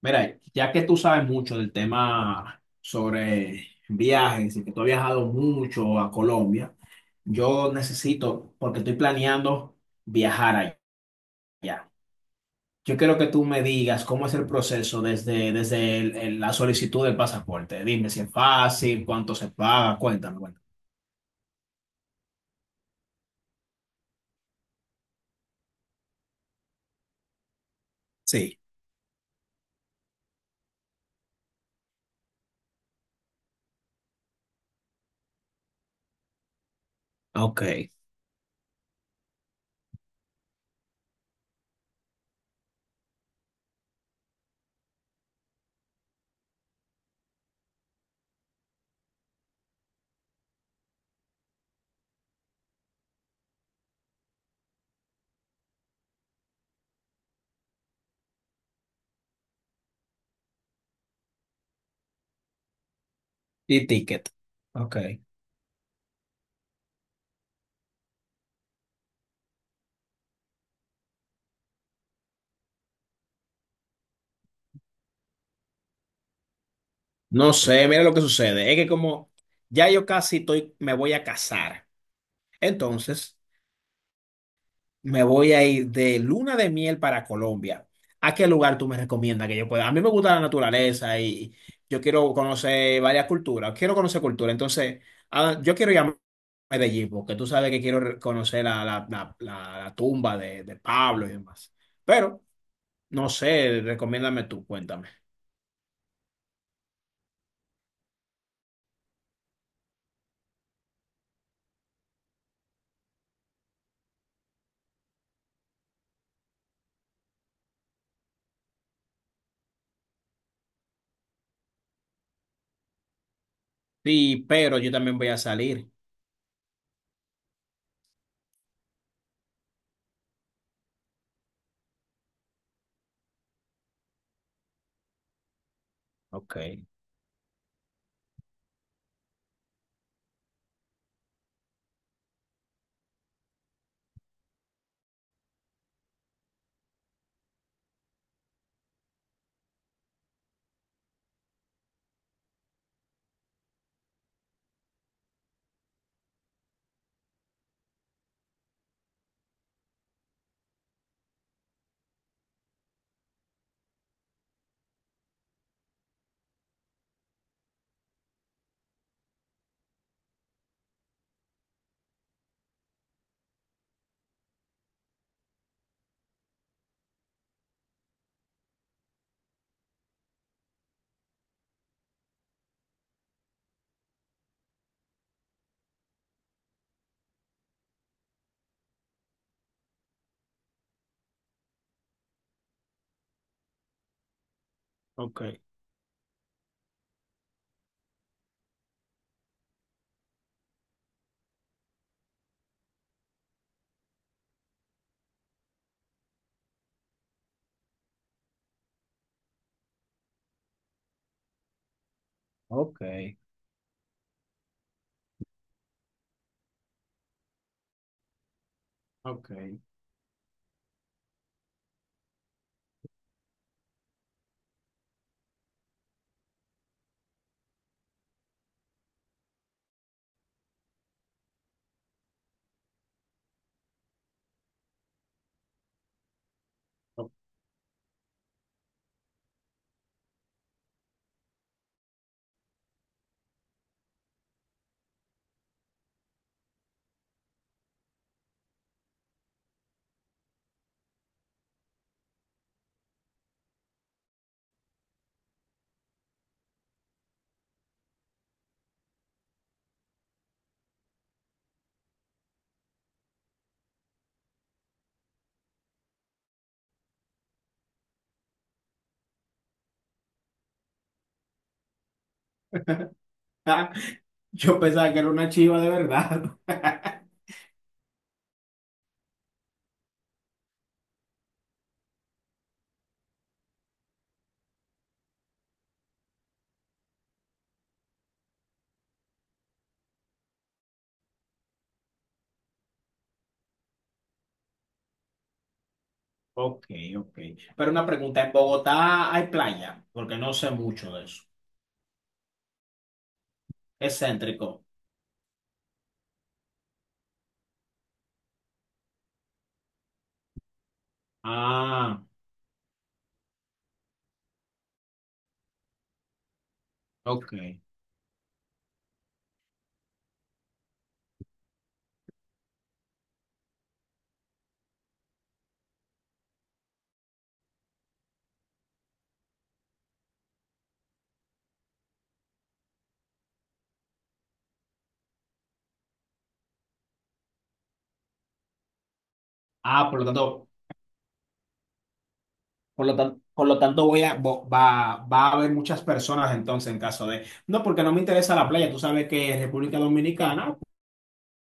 Mira, ya que tú sabes mucho del tema sobre viajes y que tú has viajado mucho a Colombia, yo necesito, porque estoy planeando viajar allá. Yo quiero que tú me digas cómo es el proceso desde la solicitud del pasaporte. Dime si es fácil, cuánto se paga, cuéntame, bueno. Sí, ok. Y ticket. Ok. No sé, mira lo que sucede. Es que como ya yo casi estoy, me voy a casar. Entonces... Me voy a ir de luna de miel para Colombia. ¿A qué lugar tú me recomiendas que yo pueda? A mí me gusta la naturaleza y yo quiero conocer varias culturas. Quiero conocer cultura. Entonces, ah, yo quiero ir a Medellín porque tú sabes que quiero conocer la tumba de Pablo y demás. Pero, no sé, recomiéndame tú, cuéntame. Sí, pero yo también voy a salir. Ok, ok, ok, ok. Yo pensaba que era una chiva de verdad. Ok, ok. Pero una pregunta, ¿en Bogotá hay playa? Porque no sé mucho de eso. Es céntrico. Ah, ok. Ah, por lo tanto voy a, va a haber muchas personas entonces en caso de... No, porque no me interesa la playa. Tú sabes que en República Dominicana,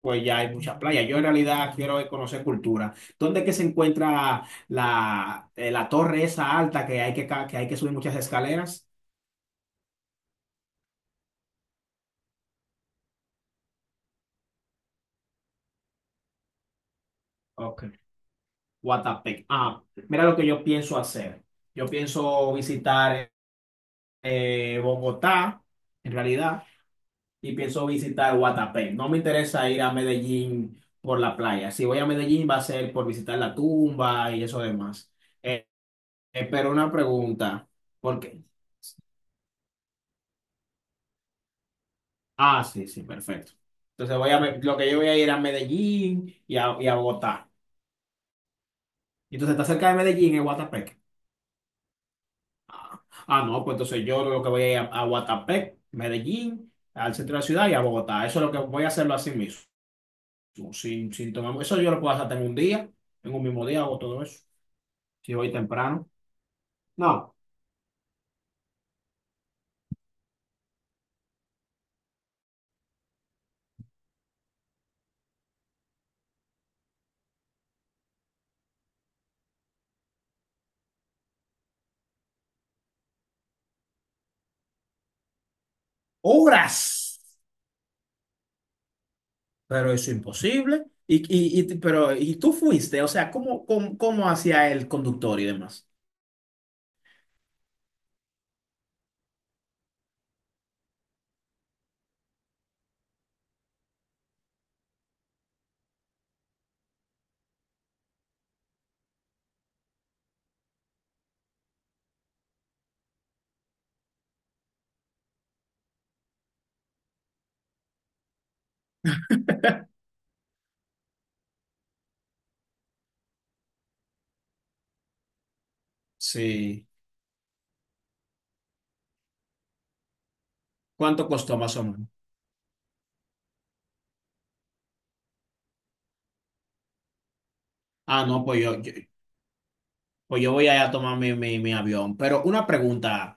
pues ya hay muchas playas. Yo en realidad quiero conocer cultura. ¿Dónde es que se encuentra la torre esa alta que hay que hay que subir muchas escaleras? Ok. Guatapé. Ah, mira lo que yo pienso hacer. Yo pienso visitar Bogotá, en realidad, y pienso visitar Guatapé. No me interesa ir a Medellín por la playa. Si voy a Medellín va a ser por visitar la tumba y eso demás. Eh, pero una pregunta, ¿por qué? Ah, sí, sí, perfecto. Entonces voy a, lo que yo voy a ir a Medellín y y a Bogotá. Entonces está cerca de Medellín es Guatapé. Ah, no, pues entonces yo lo que voy a ir a Guatapé, Medellín, al centro de la ciudad y a Bogotá. Eso es lo que voy a hacerlo así mismo. Sin tomar, eso yo lo puedo hacer en un día, en un mismo día hago todo eso. Si voy temprano. No, horas. Pero eso es imposible. Pero, ¿y tú fuiste? O sea, ¿cómo hacía el conductor y demás? Sí. ¿Cuánto costó más o menos? Ah, no, pues yo voy a tomar mi avión. Pero una pregunta.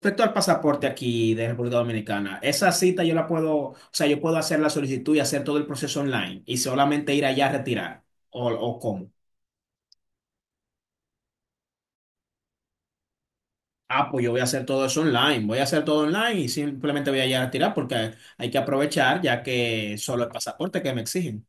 Respecto al pasaporte aquí de República Dominicana, esa cita yo la puedo, o sea, yo puedo hacer la solicitud y hacer todo el proceso online y solamente ir allá a retirar. O cómo? Ah, pues yo voy a hacer todo eso online, voy a hacer todo online y simplemente voy allá a retirar porque hay que aprovechar ya que solo el pasaporte que me exigen.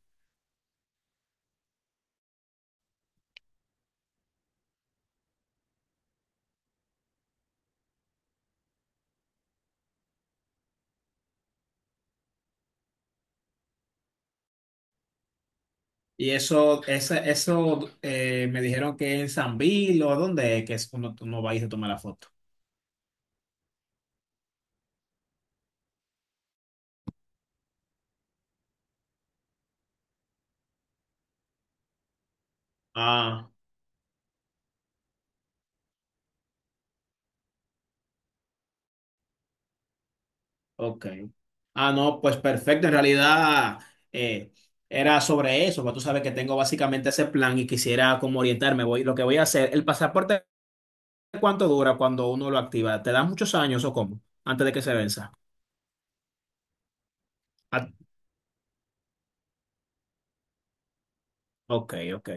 Y eso, eso me dijeron que en San Bill o dónde es que es cuando tú no vais a tomar la foto. Ah, ok. Ah, no, pues perfecto. En realidad eh, era sobre eso, pero tú sabes que tengo básicamente ese plan y quisiera como orientarme. Voy, lo que voy a hacer, ¿el pasaporte cuánto dura cuando uno lo activa? ¿Te da muchos años o cómo? Antes de que se venza. Ah, ok, ok.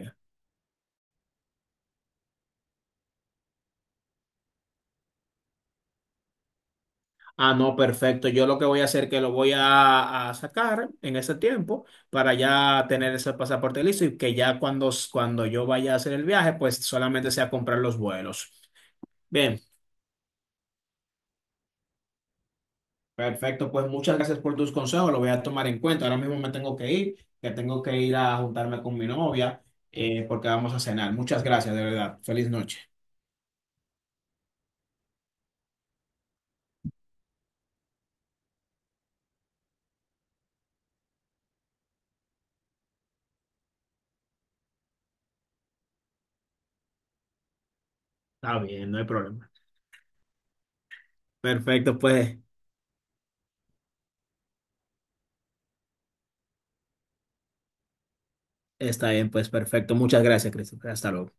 Ah, no, perfecto. Yo lo que voy a hacer es que lo voy a sacar en ese tiempo para ya tener ese pasaporte listo y que ya cuando yo vaya a hacer el viaje, pues solamente sea comprar los vuelos. Bien, perfecto. Pues muchas gracias por tus consejos. Lo voy a tomar en cuenta. Ahora mismo me tengo que ir, que tengo que ir a juntarme con mi novia porque vamos a cenar. Muchas gracias, de verdad. Feliz noche. Está bien, no hay problema. Perfecto, pues está bien, pues perfecto. Muchas gracias, Christopher. Hasta luego.